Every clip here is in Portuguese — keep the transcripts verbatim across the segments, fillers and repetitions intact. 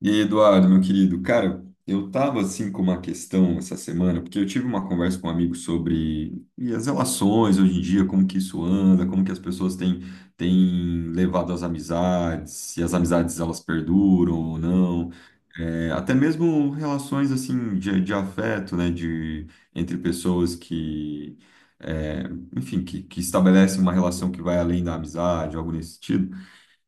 E aí, Eduardo, meu querido, cara, eu tava assim com uma questão essa semana, porque eu tive uma conversa com um amigo sobre e as relações hoje em dia, como que isso anda, como que as pessoas têm, têm levado as amizades, se as amizades elas perduram ou não. É, até mesmo relações assim de, de afeto, né, de entre pessoas que, é, enfim, que, que estabelecem uma relação que vai além da amizade, algo nesse sentido.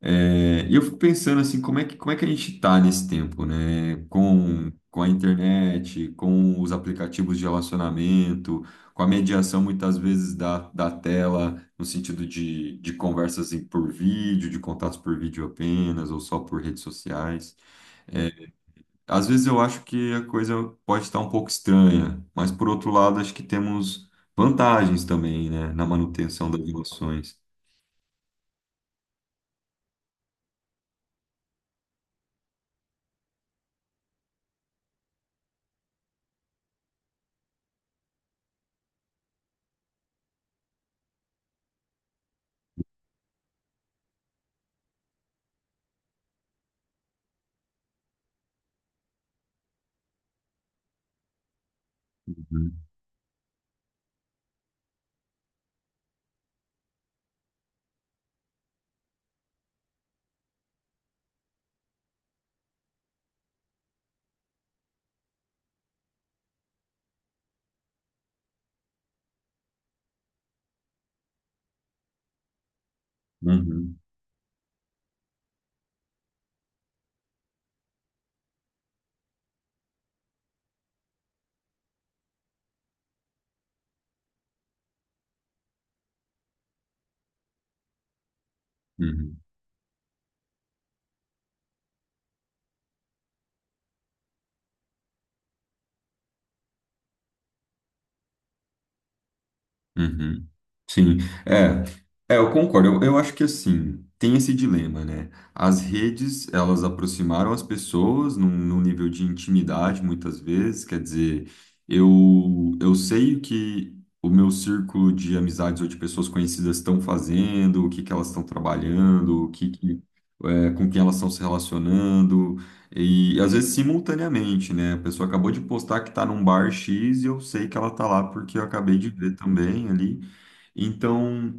É, e eu fico pensando assim, como é que, como é que a gente está nesse tempo, né? Com, com a internet, com os aplicativos de relacionamento, com a mediação muitas vezes da, da tela, no sentido de, de conversas em- por vídeo, de contatos por vídeo apenas, ou só por redes sociais. É, às vezes eu acho que a coisa pode estar um pouco estranha, mas por outro lado, acho que temos vantagens também, né? Na manutenção das relações. Uhum, uhum, uhum. Uhum. Sim, é, é, eu concordo. Eu, eu acho que assim, tem esse dilema, né? As redes, elas aproximaram as pessoas num, num nível de intimidade, muitas vezes. Quer dizer, eu, eu sei que o meu círculo de amizades ou de pessoas conhecidas estão fazendo, o que que elas estão trabalhando, o que, que é, com quem elas estão se relacionando, e às vezes simultaneamente, né? A pessoa acabou de postar que está num bar X e eu sei que ela está lá porque eu acabei de ver também ali. Então,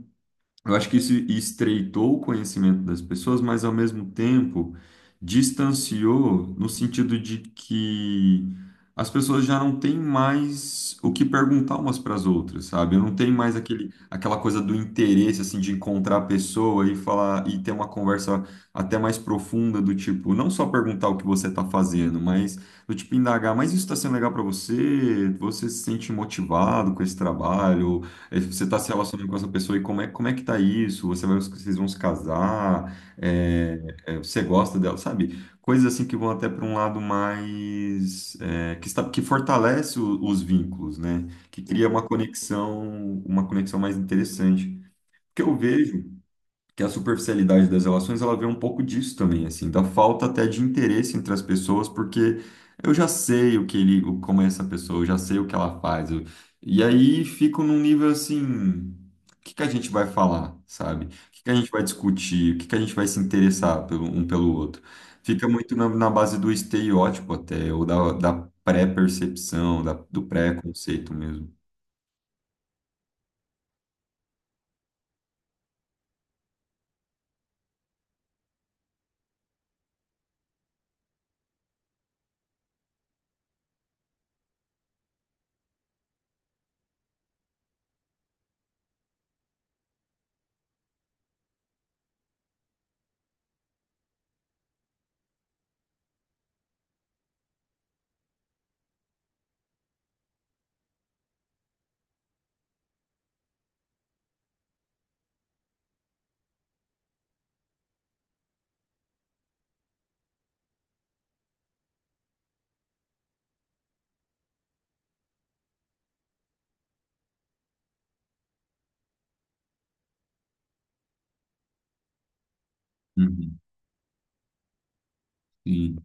eu acho que isso estreitou o conhecimento das pessoas, mas ao mesmo tempo distanciou no sentido de que as pessoas já não têm mais o que perguntar umas para as outras, sabe? Não tem mais aquele, aquela coisa do interesse assim de encontrar a pessoa e falar e ter uma conversa até mais profunda do tipo, não só perguntar o que você está fazendo, mas do tipo indagar, mas isso está sendo legal para você? Você se sente motivado com esse trabalho? É, você está se relacionando com essa pessoa e como é, como é que tá isso? Você vai, vocês vão se casar? É, é, você gosta dela, sabe? Coisas assim que vão até para um lado mais é, que está, que fortalece o- os vínculos, né? Que cria uma conexão, uma conexão mais interessante. Porque eu vejo que a superficialidade das relações ela vem um pouco disso também, assim, da falta até de interesse entre as pessoas, porque eu já sei o que ele, o- como é essa pessoa, eu já sei o que ela faz, eu- e aí fico num nível assim, o que que a gente vai falar, sabe? O que que a gente vai discutir? O que que a gente vai se interessar pelo, um pelo outro? Fica muito na, na base do estereótipo até, ou da, da pré-percepção, da, do pré-conceito mesmo. Uhum. Sim.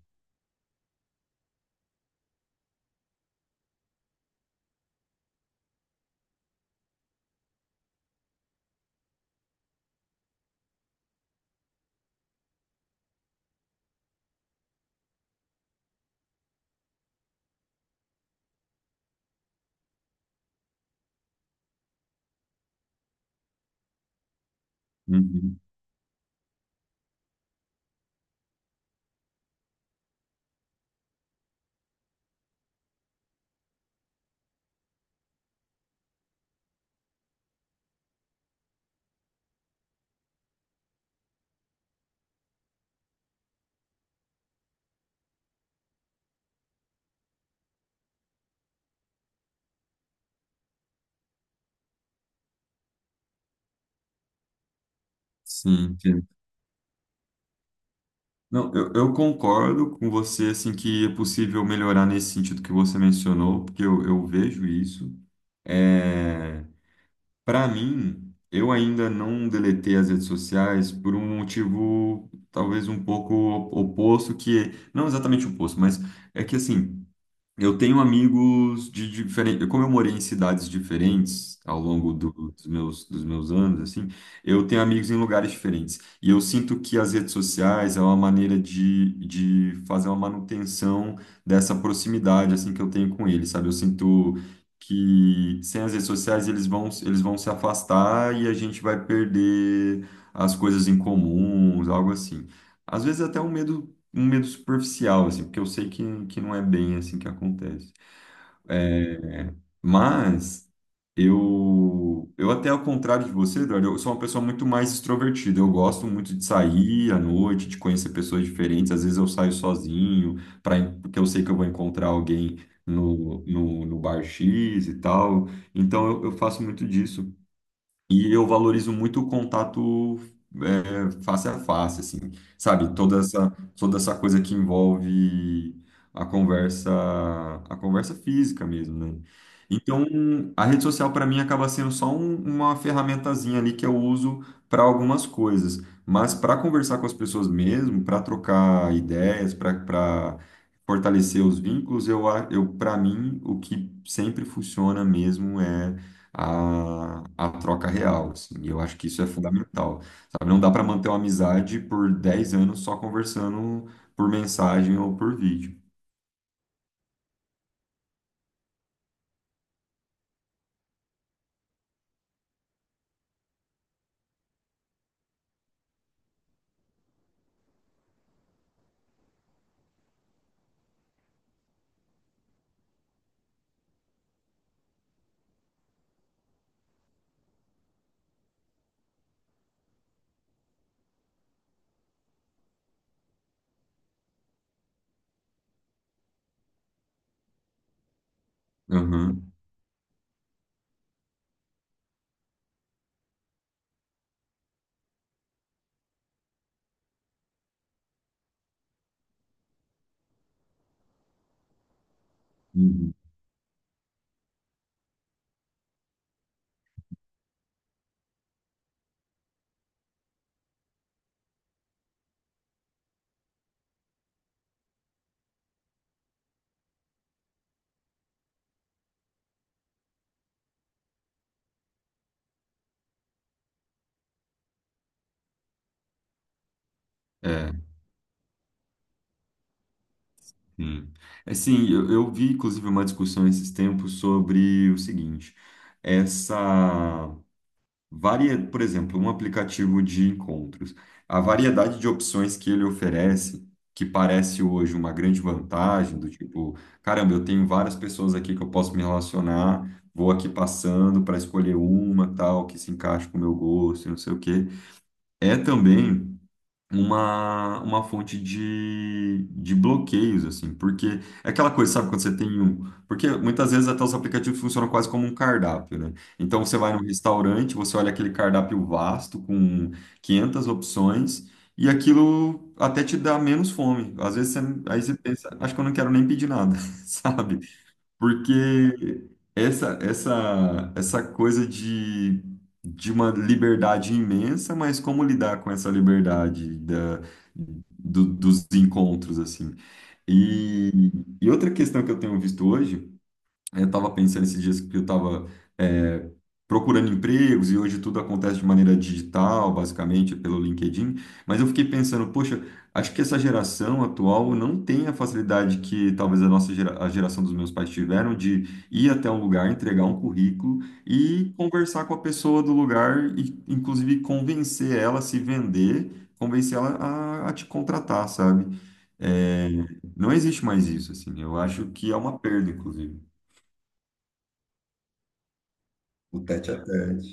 Uhum. Sim. Não, eu, eu concordo com você, assim, que é possível melhorar nesse sentido que você mencionou, porque eu, eu vejo isso. É, para mim, eu ainda não deletei as redes sociais por um motivo talvez um pouco oposto, que não exatamente oposto, mas é que assim. Eu tenho amigos de diferentes. Como eu morei em cidades diferentes ao longo do- dos meus, dos meus anos, assim, eu tenho amigos em lugares diferentes. E eu sinto que as redes sociais é uma maneira de, de fazer uma manutenção dessa proximidade, assim, que eu tenho com eles, sabe? Eu sinto que sem as redes sociais eles vão, eles vão se afastar e a gente vai perder as coisas em comuns, algo assim. Às vezes até um medo um medo superficial, assim, porque eu sei que, que não é bem assim que acontece. É, mas eu, eu até ao contrário de você, Eduardo, eu sou uma pessoa muito mais extrovertida. Eu gosto muito de sair à noite, de conhecer pessoas diferentes. Às vezes eu saio sozinho, pra, porque eu sei que eu vou encontrar alguém no, no, no bar X e tal. Então eu, eu faço muito disso. E eu valorizo muito o contato é, face a face, assim, sabe? Toda essa, toda essa coisa que envolve a conversa, a conversa física mesmo, né? Então, a rede social para mim acaba sendo só um- uma ferramentazinha ali que eu uso para algumas coisas, mas para conversar com as pessoas mesmo, para trocar ideias, para para fortalecer os vínculos, eu, a- eu para mim o que sempre funciona mesmo é a, a troca real, assim. E eu acho que isso é fundamental, sabe? Não dá para manter uma amizade por dez anos só conversando por mensagem ou por vídeo. Aham. Uhum. É, sim. É, sim, eu, eu vi, inclusive, uma discussão esses tempos sobre o seguinte, essa... Varia, por exemplo, um aplicativo de encontros. A variedade de opções que ele oferece, que parece hoje uma grande vantagem, do tipo, caramba, eu tenho várias pessoas aqui que eu posso me relacionar, vou aqui passando para escolher uma, tal, que se encaixe com o meu gosto, e não sei o quê. É também uma, uma fonte de, de bloqueios, assim, porque é aquela coisa, sabe, quando você tem um. Porque muitas vezes até os aplicativos funcionam quase como um cardápio, né? Então você vai num restaurante, você olha aquele cardápio vasto com quinhentas opções. E aquilo até te dá menos fome. Às vezes você, aí você pensa, acho que eu não quero nem pedir nada, sabe? Porque essa, essa, essa coisa de de uma liberdade imensa, mas como lidar com essa liberdade da, do- dos encontros, assim. E, e outra questão que eu tenho visto hoje. Aí eu estava pensando esses dias que eu estava procurando empregos e hoje tudo acontece de maneira digital, basicamente pelo LinkedIn. Mas eu fiquei pensando, poxa, acho que essa geração atual não tem a facilidade que talvez a nossa gera- a geração dos meus pais tiveram de ir até um lugar, entregar um currículo e conversar com a pessoa do lugar e, inclusive, convencer ela a se vender, convencer ela a, a te contratar, sabe? É, não existe mais isso, assim. Eu acho que é uma perda, inclusive. O tete a tete.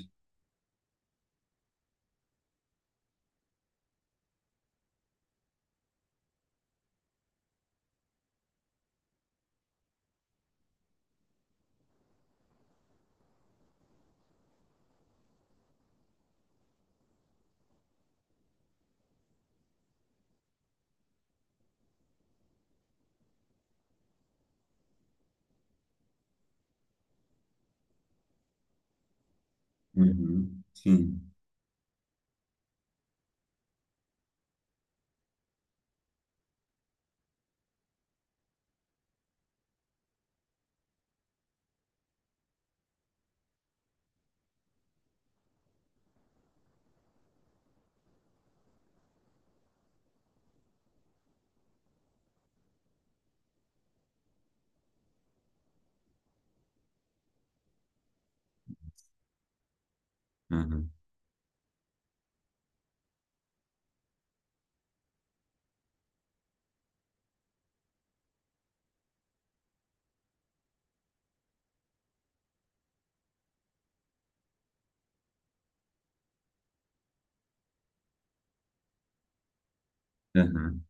Uhum. Sim. Uhum. Uhum.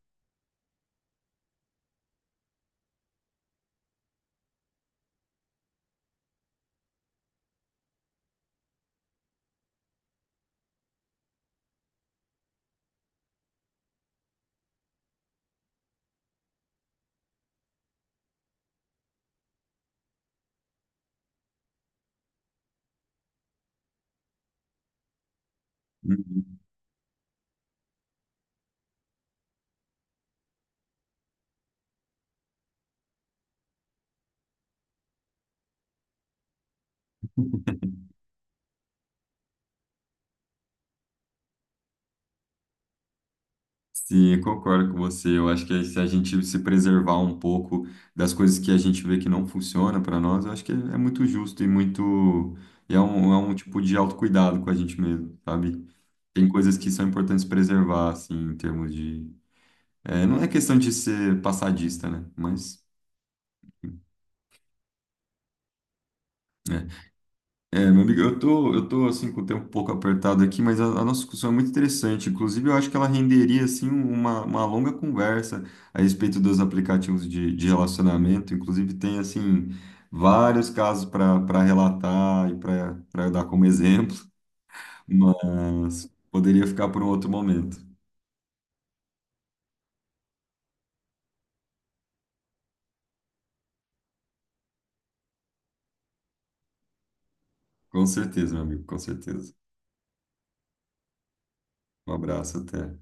Uhum. Sim, eu concordo com você. Eu acho que se a gente se preservar um pouco das coisas que a gente vê que não funciona para nós, eu acho que é é muito justo e muito. E é um, é um tipo de autocuidado com a gente mesmo, sabe? Tem coisas que são importantes preservar, assim, em termos de. É, não é questão de ser passadista, né? Mas. É, é, meu amigo, eu tô, eu tô assim com o tempo um pouco apertado aqui, mas a, a nossa discussão é muito interessante. Inclusive, eu acho que ela renderia assim uma, uma longa conversa a respeito dos aplicativos de, de relacionamento. Inclusive, tem assim vários casos para para relatar e para para dar como exemplo, mas poderia ficar por um outro momento. Com certeza, meu amigo, com certeza. Um abraço, até.